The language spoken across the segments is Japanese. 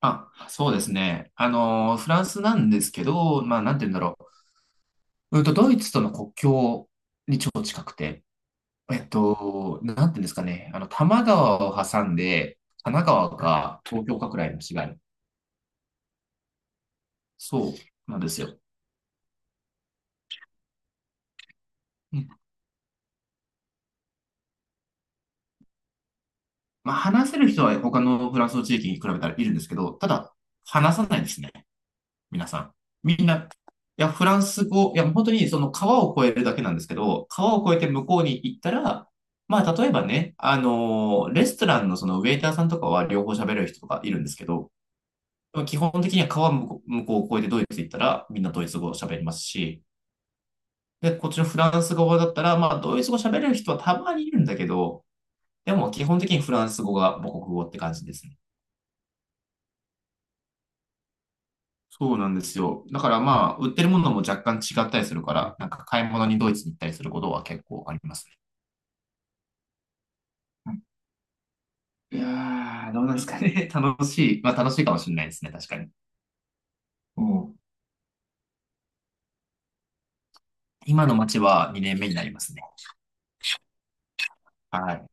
あ、そうですね。フランスなんですけど、なんて言うんだろう。うんと、ドイツとの国境に超近くて、なんて言うんですかね。多摩川を挟んで、神奈川か東京かくらいの違い。そうなんですよ。うん、話せる人は他のフランスの地域に比べたらいるんですけど、ただ、話さないですね。皆さん。みんな、いや、フランス語、いや、本当にその川を越えるだけなんですけど、川を越えて向こうに行ったら、例えばね、レストランのそのウェイターさんとかは両方喋れる人とかいるんですけど、基本的には川向こうを越えてドイツ行ったら、みんなドイツ語を喋りますし、で、こっちのフランス語だったら、ドイツ語喋れる人はたまにいるんだけど、でも基本的にフランス語が母国語って感じですね。そうなんですよ。だから売ってるものも若干違ったりするから、なんか買い物にドイツに行ったりすることは結構ありますね。いやー、どうなんですかね。楽しい。まあ楽しいかもしれないですね。確かに。うん、今の街は2年目になりますね。はい。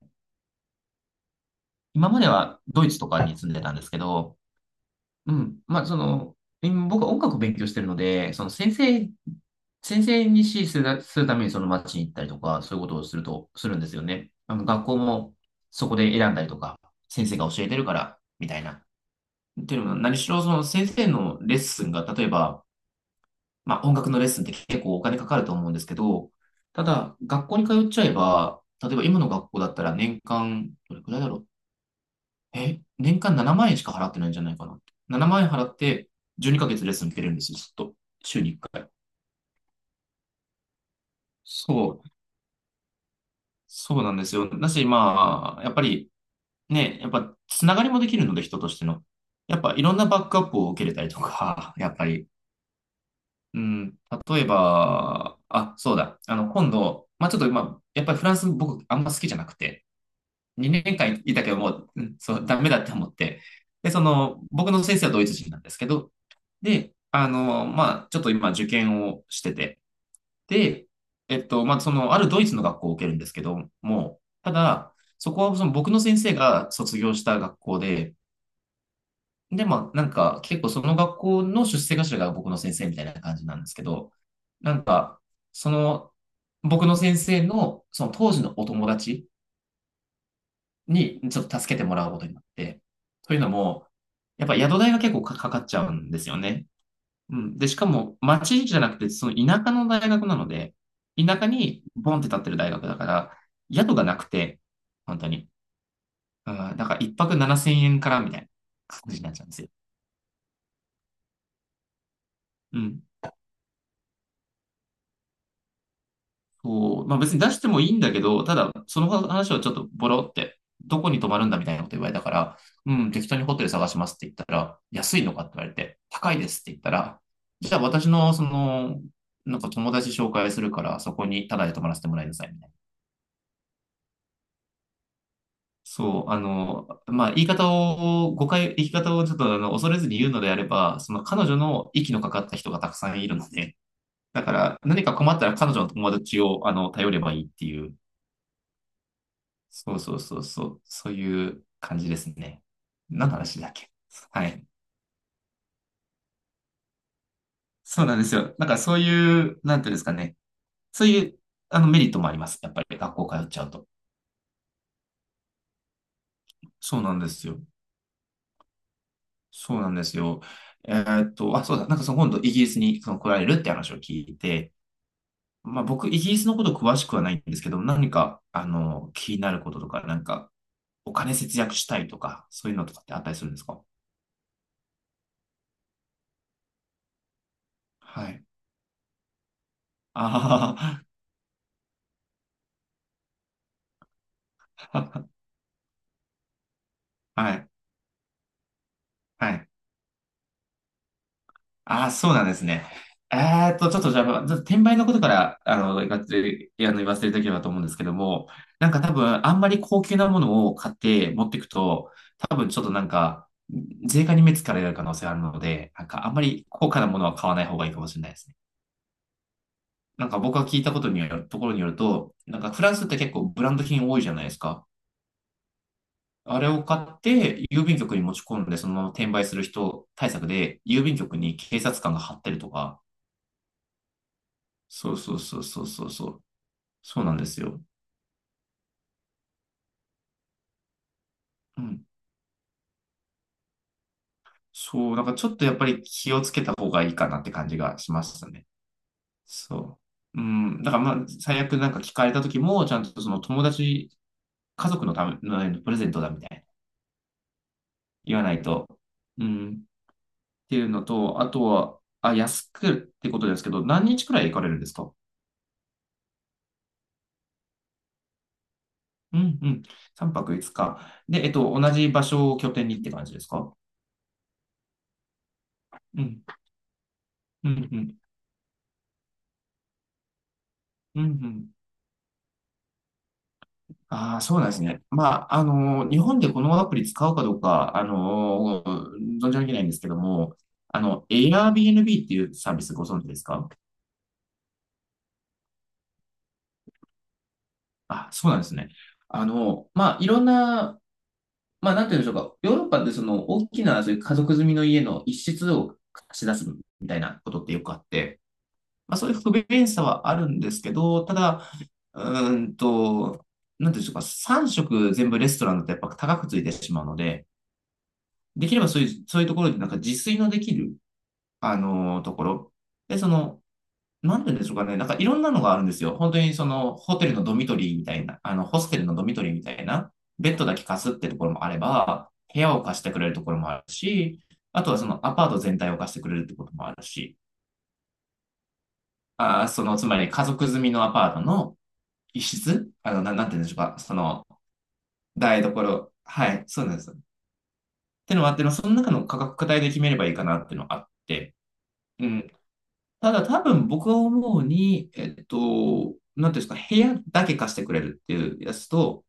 今まではドイツとかに住んでたんですけど、うん。今僕は音楽を勉強してるので、先生に指示するためにその街に行ったりとか、そういうことをすると、するんですよね。学校もそこで選んだりとか、先生が教えてるから、みたいな。っていうのも、何しろその先生のレッスンが、例えば、音楽のレッスンって結構お金かかると思うんですけど、ただ、学校に通っちゃえば、例えば今の学校だったら年間、どれくらいだろう。え、年間7万円しか払ってないんじゃないかな。7万円払って12ヶ月レッスン受けれるんですよ、ずっと。週に1回。そう、そうなんですよ。だし、やっぱりね、やっぱつながりもできるので、人としての。やっぱいろんなバックアップを受けれたりとか、やっぱり。うん、例えば、あ、そうだ。今度、まあちょっと、まあ、やっぱりフランス僕あんま好きじゃなくて、2年間いたけど、もう、うん、そう、ダメだって思って。で、その、僕の先生はドイツ人なんですけど、で、ちょっと今受験をしてて、で、あるドイツの学校を受けるんですけど、もう、ただ、そこはその僕の先生が卒業した学校で、で、結構その学校の出世頭が僕の先生みたいな感じなんですけど、なんか、その、僕の先生の、その当時のお友達にちょっと助けてもらうことになって。というのも、やっぱ宿代が結構かかっちゃうんですよね。うん。で、しかも町じゃなくて、その田舎の大学なので、田舎にボンって立ってる大学だから、宿がなくて、本当に。うん、だから一泊7000円からみたいな感じになっちゃうんですよ。うん。そう、まあ別に出してもいいんだけど、ただ、その話をちょっとボロって、どこに泊まるんだみたいなこと言われたから、うん、適当にホテル探しますって言ったら、安いのかって言われて、高いですって言ったら、じゃあ私の、その、なんか友達紹介するから、そこにタダで泊まらせてもらいなさいみたいな。そう、言い方をちょっと恐れずに言うのであれば、その彼女の息のかかった人がたくさんいるので、だから何か困ったら彼女の友達を頼ればいいっていう。そうそうそうそう、そういう感じですね。何の話だっけ。はい。そうなんですよ。なんかそういう、なんていうんですかね。そういう、あの、メリットもあります。やっぱり学校通っちゃうと。そうなんですよ。そうなんですよ。あ、そうだ。なんかその今度イギリスにその来られるって話を聞いて、まあ僕、イギリスのこと詳しくはないんですけど、何か、あの、気になることとか、お金節約したいとか、そういうのとかってあったりするんですか？はい。ああ、はい。はい。ああ、そうなんですね。ちょっとじゃあ、まあちょっと転売のことから、がっつり、言わせていただければと思うんですけども、なんか多分、あんまり高級なものを買って持っていくと、多分ちょっとなんか、税関に目つかれる可能性あるので、なんかあんまり高価なものは買わない方がいいかもしれないですね。なんか僕が聞いたことによる、ところによると、なんかフランスって結構ブランド品多いじゃないですか。あれを買って郵便局に持ち込んで、そのまま転売する人対策で、郵便局に警察官が張ってるとか、そうそうそうそうそうそう。そうなんですよ。うん。そう、なんからちょっとやっぱり気をつけた方がいいかなって感じがしますね。そう。うん。だから最悪なんか聞かれた時も、ちゃんとその友達、家族のためのプレゼントだみたいな言わないと。うん。っていうのと、あとは、あ、安くってことですけど、何日くらい行かれるんですか？うんうん。3泊5日。で、えっと、同じ場所を拠点にって感じですか？うん。うんうん。うんうん。ああ、そうなんですね。日本でこのアプリ使うかどうか、存じ上げないんですけども、Airbnb っていうサービスご存知ですか？あ、そうなんですね。あの、まあ、いろんな、まあ、なんて言うんでしょうか。ヨーロッパでその大きなそういう家族住みの家の一室を貸し出すみたいなことってよくあって、まあ、そういう不便さはあるんですけど、ただ、うーんと、なんて言うんでしょうか。3食全部レストランだとやっぱ高くついてしまうので、できればそういうところでなんか自炊のできる、ところ。で、その、なんて言うんでしょうかね。なんかいろんなのがあるんですよ。本当に、ホステルのドミトリーみたいな、ベッドだけ貸すってところもあれば、部屋を貸してくれるところもあるし、あとはそのアパート全体を貸してくれるってこともあるし、その、つまり家族住みのアパートの一室、なんて言うんでしょうか。その、台所。はい、そうなんです。ってのもあっての、その中の価格帯で決めればいいかなっていうのがあって、うん、ただ多分僕は思うに、なんていうんですか、部屋だけ貸してくれるっていうやつと、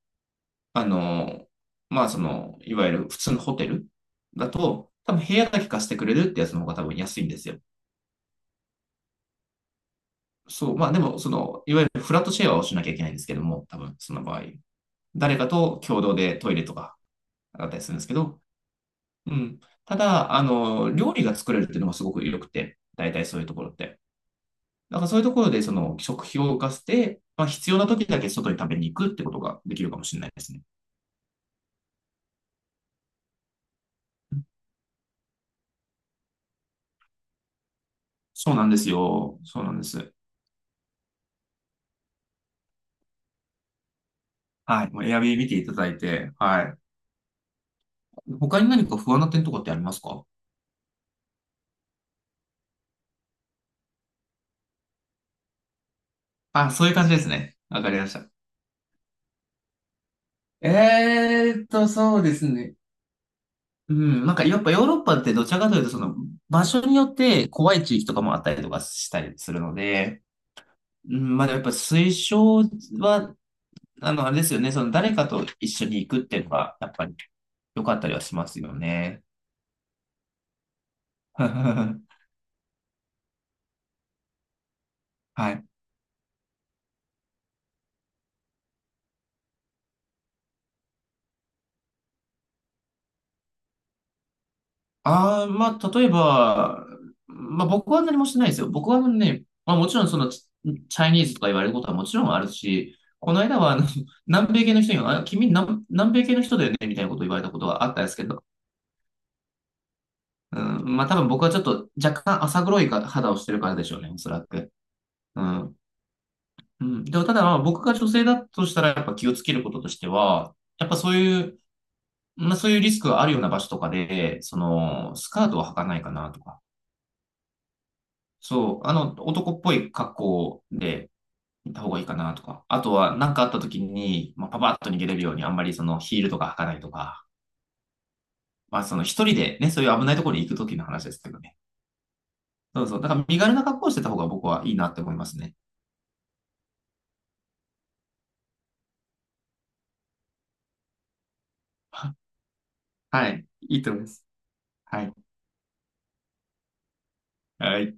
あの、まあその、いわゆる普通のホテルだと、多分部屋だけ貸してくれるってやつの方が多分安いんですよ。そう、まあでも、その、いわゆるフラットシェアをしなきゃいけないんですけども、多分その場合。誰かと共同でトイレとかだったりするんですけど、うん。ただ、あの、料理が作れるっていうのがすごく良くて、大体そういうところって。だからそういうところで、その食費を浮かせて、まあ、必要な時だけ外に食べに行くってことができるかもしれないですね。そうなんですよ。そうなんです。はい。もうエアビー見ていただいて、はい。他に何か不安な点とかってありますか。あ、そういう感じですね。わかりました。そうですね。うん、なんかやっぱヨーロッパってどちらかというとその場所によって怖い地域とかもあったりとかしたりするので、うん、まあやっぱ推奨はあの、あれですよね。その誰かと一緒に行くっていうのが、やっぱり良かったりはしますよね。はい。ああ、まあ、例えば、まあ、僕は何もしてないですよ。僕はね、まあ、もちろんその、チャイニーズとか言われることはもちろんあるし、この間は、あの、南米系の人に、あ、君南米系の人だよねみたいなことを言われたことはあったんですけど、うん、まあ、多分僕はちょっと若干浅黒いか肌をしてるからでしょうね、おそらく。うんうん。でも、ただ、まあ僕が女性だとしたら、やっぱ気をつけることとしては、やっぱそういう、まあそういうリスクがあるような場所とかで、その、スカートは履かないかなとか、そう、あの、男っぽい格好で行った方がいいかなとか、あとは何かあった時に、まあ、パパッと逃げれるように、あんまりそのヒールとか履かないとか、まあその一人でね、そういう危ないところに行く時の話ですけどね。そうそう。だから身軽な格好をしてた方が僕はいいなって思いますね。はい。いいと思います。はい。はい。